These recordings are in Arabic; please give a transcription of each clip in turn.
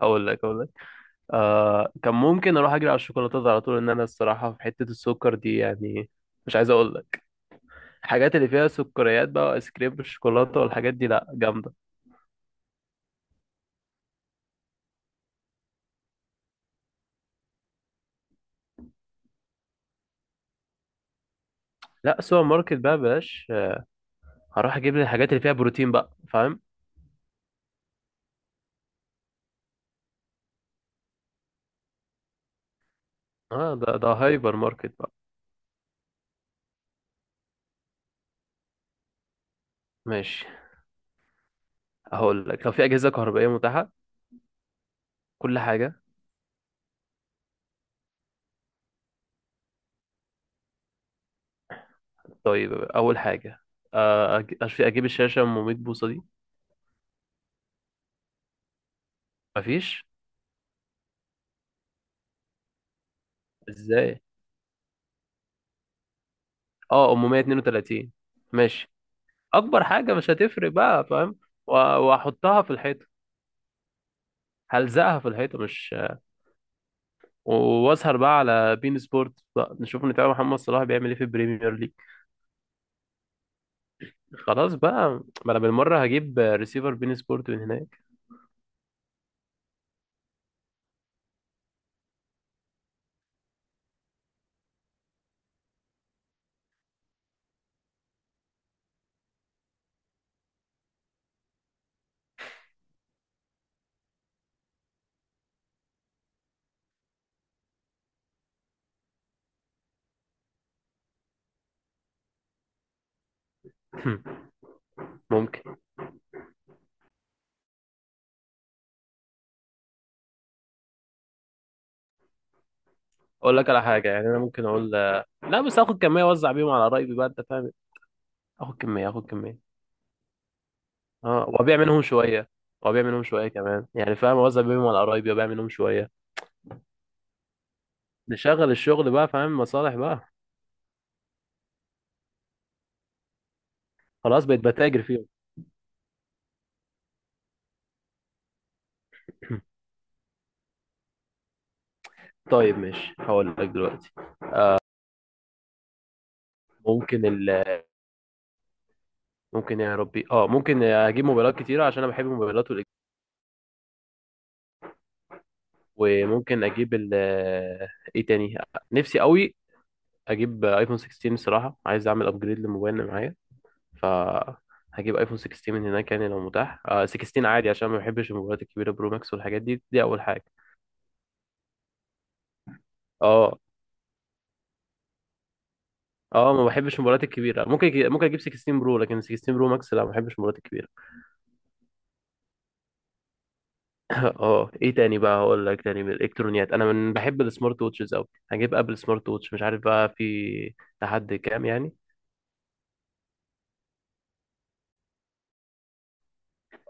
اقول لك آه، كان ممكن اروح اجري على الشوكولاتات على طول، ان انا الصراحه في حته السكر دي يعني. مش عايز اقول لك الحاجات اللي فيها سكريات بقى، وايس كريم بالشوكولاته والحاجات دي، لا جامده. لا، سوبر ماركت بقى بلاش، آه. هروح اجيب لي الحاجات اللي فيها بروتين بقى، فاهم. اه، ده هايبر ماركت بقى. ماشي. هقول لك لو في اجهزه كهربائيه متاحه. كل حاجه. طيب، اول حاجه، آه، اجيب الشاشه 100 بوصه دي. مفيش، ازاي؟ اه، 132. ماشي. اكبر حاجه مش هتفرق بقى، فاهم. واحطها في الحيطه. هلزقها في الحيطه، مش... واسهر بقى على بين سبورت بقى، نشوف نتابع محمد صلاح بيعمل ايه في البريمير ليج. خلاص بقى. ما انا بالمره هجيب ريسيفر بين سبورت من هناك. ممكن. اقول لك على حاجه، يعني انا ممكن اقول لا، بس اخد كميه اوزع بيهم على قرايبي بقى، انت فاهم. اخد كميه. اه، وابيع منهم شويه. وابيع منهم شويه كمان، يعني فاهم، اوزع بيهم على قرايبي وابيع منهم شويه. نشغل الشغل بقى، فاهم، مصالح بقى. خلاص بقيت بتاجر فيهم. طيب، ماشي، هقول لك دلوقتي. ممكن ال ممكن يا ربي. اه، ممكن اجيب موبايلات كتيره عشان انا بحب الموبايلات وممكن اجيب ال ايه تاني. نفسي قوي اجيب ايفون 16، الصراحه عايز اعمل ابجريد للموبايل اللي معايا. ف هجيب ايفون 16 من هناك، يعني لو متاح آه، 16 عادي، عشان ما بحبش الموبايلات الكبيره برو ماكس والحاجات دي. دي اول حاجه. اه. اه، ما بحبش الموبايلات الكبيره. ممكن اجيب 16 برو، لكن 16 برو ماكس لا، ما بحبش الموبايلات الكبيره. اه. ايه تاني بقى، هقول لك تاني من الالكترونيات، انا من بحب السمارت ووتشز قوي. هجيب ابل سمارت ووتش، مش عارف بقى في لحد كام يعني.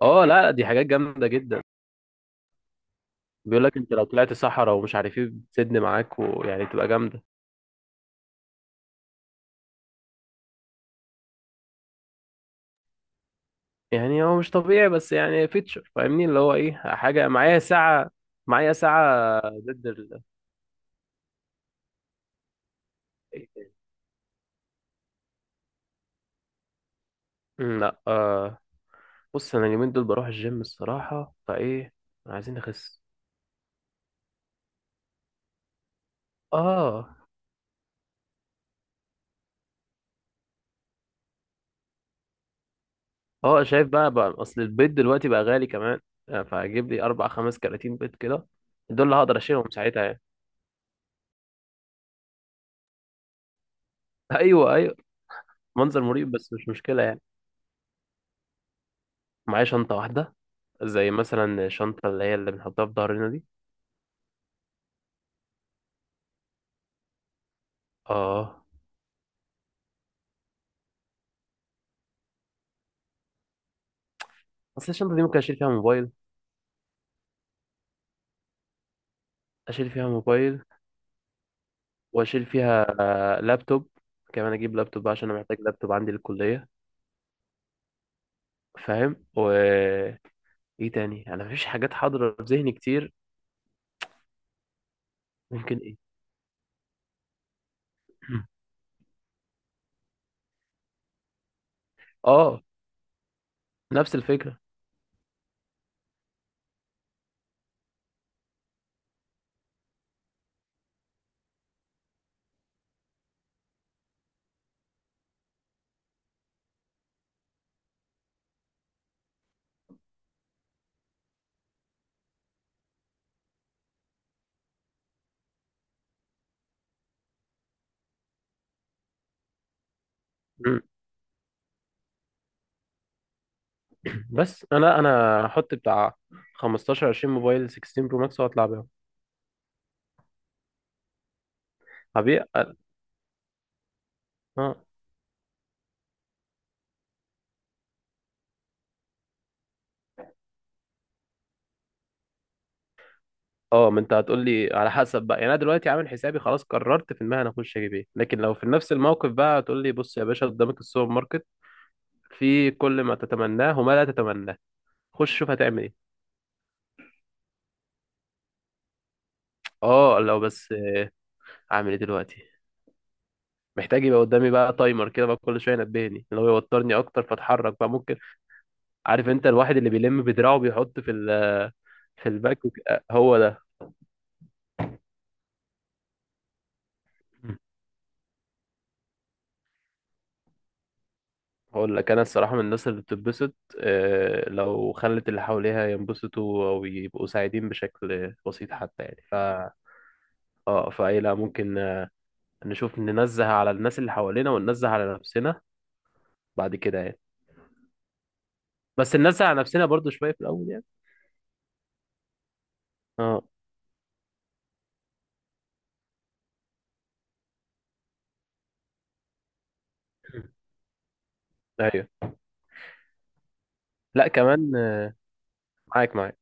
اه، لا لا، دي حاجات جامده جدا. بيقول لك انت لو طلعت صحراء ومش عارف ايه، بتسد معاك ويعني تبقى جامده. يعني هو مش طبيعي، بس يعني فيتشر فاهمني، اللي هو ايه، حاجه معايا ساعه ضد إيه تاني؟ مم، لا، آه، بص انا اليومين دول بروح الجيم الصراحه، فايه عايزين نخس. اه. اه، شايف بقى اصل البيض دلوقتي بقى غالي كمان، آه، فهجيب لي اربع خمس كراتين بيض كده. دول اللي هقدر اشيلهم ساعتها يعني. ايوه، ايوه. منظر مريب بس مش مشكله يعني. معايا شنطه واحده، زي مثلا الشنطه اللي هي اللي بنحطها في ظهرنا دي. اه. اصل الشنطه دي ممكن اشيل فيها موبايل. اشيل فيها موبايل، واشيل فيها آه، لابتوب كمان. اجيب لابتوب بقى عشان انا محتاج لابتوب عندي للكليه، فاهم. و... ايه تاني، انا مفيش حاجات حاضره في ذهني كتير. ممكن ايه. اه، نفس الفكره. بس انا هحط بتاع 15 20 موبايل 16 برو ماكس واطلع بيهم. هبيع. اه. اه، ما انت هتقول لي على حسب بقى، يعني انا دلوقتي عامل حسابي خلاص، قررت في المهنه اخش اجيب ايه. لكن لو في نفس الموقف بقى هتقول لي بص يا باشا، قدامك السوبر ماركت، في كل ما تتمناه وما لا تتمناه، خش شوف هتعمل ايه. اه، لو بس اعمل ايه دلوقتي، محتاج يبقى قدامي بقى تايمر كده بقى، كل شويه ينبهني، اللي هو يوترني اكتر فاتحرك بقى، ممكن. عارف انت الواحد اللي بيلم بدراعه بيحط في الباك آه، هو ده. هقول لك انا الصراحه من الناس اللي بتتبسط، آه، لو خلت اللي حواليها ينبسطوا او يبقوا سعيدين بشكل بسيط حتى، يعني ف اه فاي لا ممكن، آه، نشوف ننزه على الناس اللي حوالينا وننزه على نفسنا بعد كده يعني. بس ننزه على نفسنا برضو شويه في الاول يعني. اه. ايوه. لا كمان، آه، معاك معاك.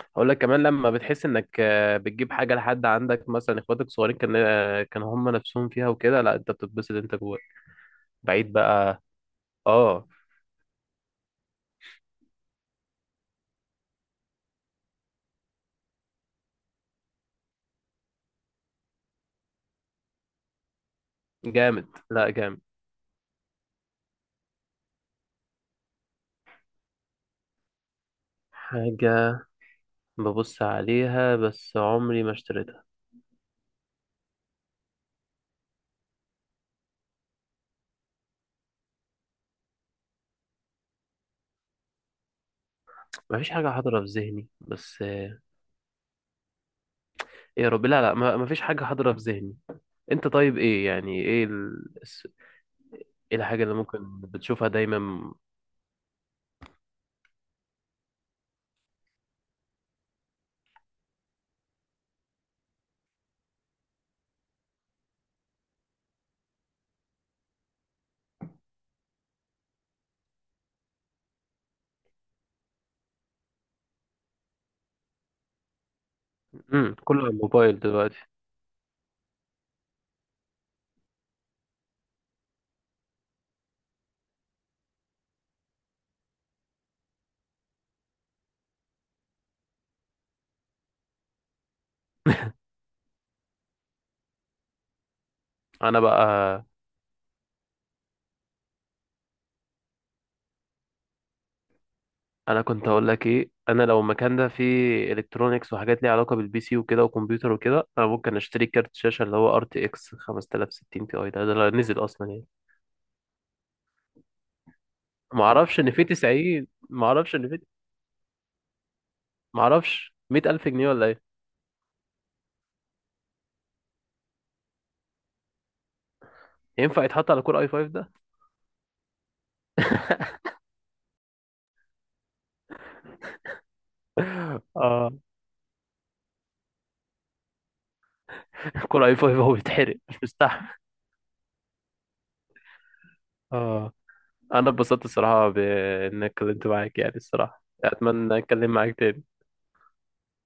اقول لك كمان لما بتحس انك آه، بتجيب حاجه لحد عندك مثلا اخواتك الصغيرين، كان آه، كان هم نفسهم فيها وكده، لا انت بتتبسط انت جواك بعيد بقى. اه. جامد، لا جامد. حاجه ببص عليها بس عمري ما اشتريتها. مفيش حاجة حاضرة في ذهني، بس آه، ايه يا رب، لا لا، مفيش حاجة حاضرة في ذهني. انت طيب، ايه يعني، ايه ايه الحاجة اللي ممكن بتشوفها دايما. امم، كله على الموبايل دلوقتي. انا بقى. انا كنت اقول لك ايه، انا لو المكان ده فيه الكترونيكس وحاجات ليها علاقة بالبي سي وكده وكمبيوتر وكده، انا ممكن اشتري كارت شاشة اللي هو ار تي اكس 5060 تي اي ده، لو نزل اصلا يعني. ما اعرفش ان فيه 90، ما اعرفش ان فيه. ما اعرفش، 100000 جنيه ولا إيه؟ ينفع يتحط على كور اي 5 ده؟ اه، كور اي 5 هو بيتحرق، مش مستحمل. اه. انا اتبسطت الصراحه بان اتكلمت معاك يعني، الصراحه اتمنى اتكلم معاك تاني.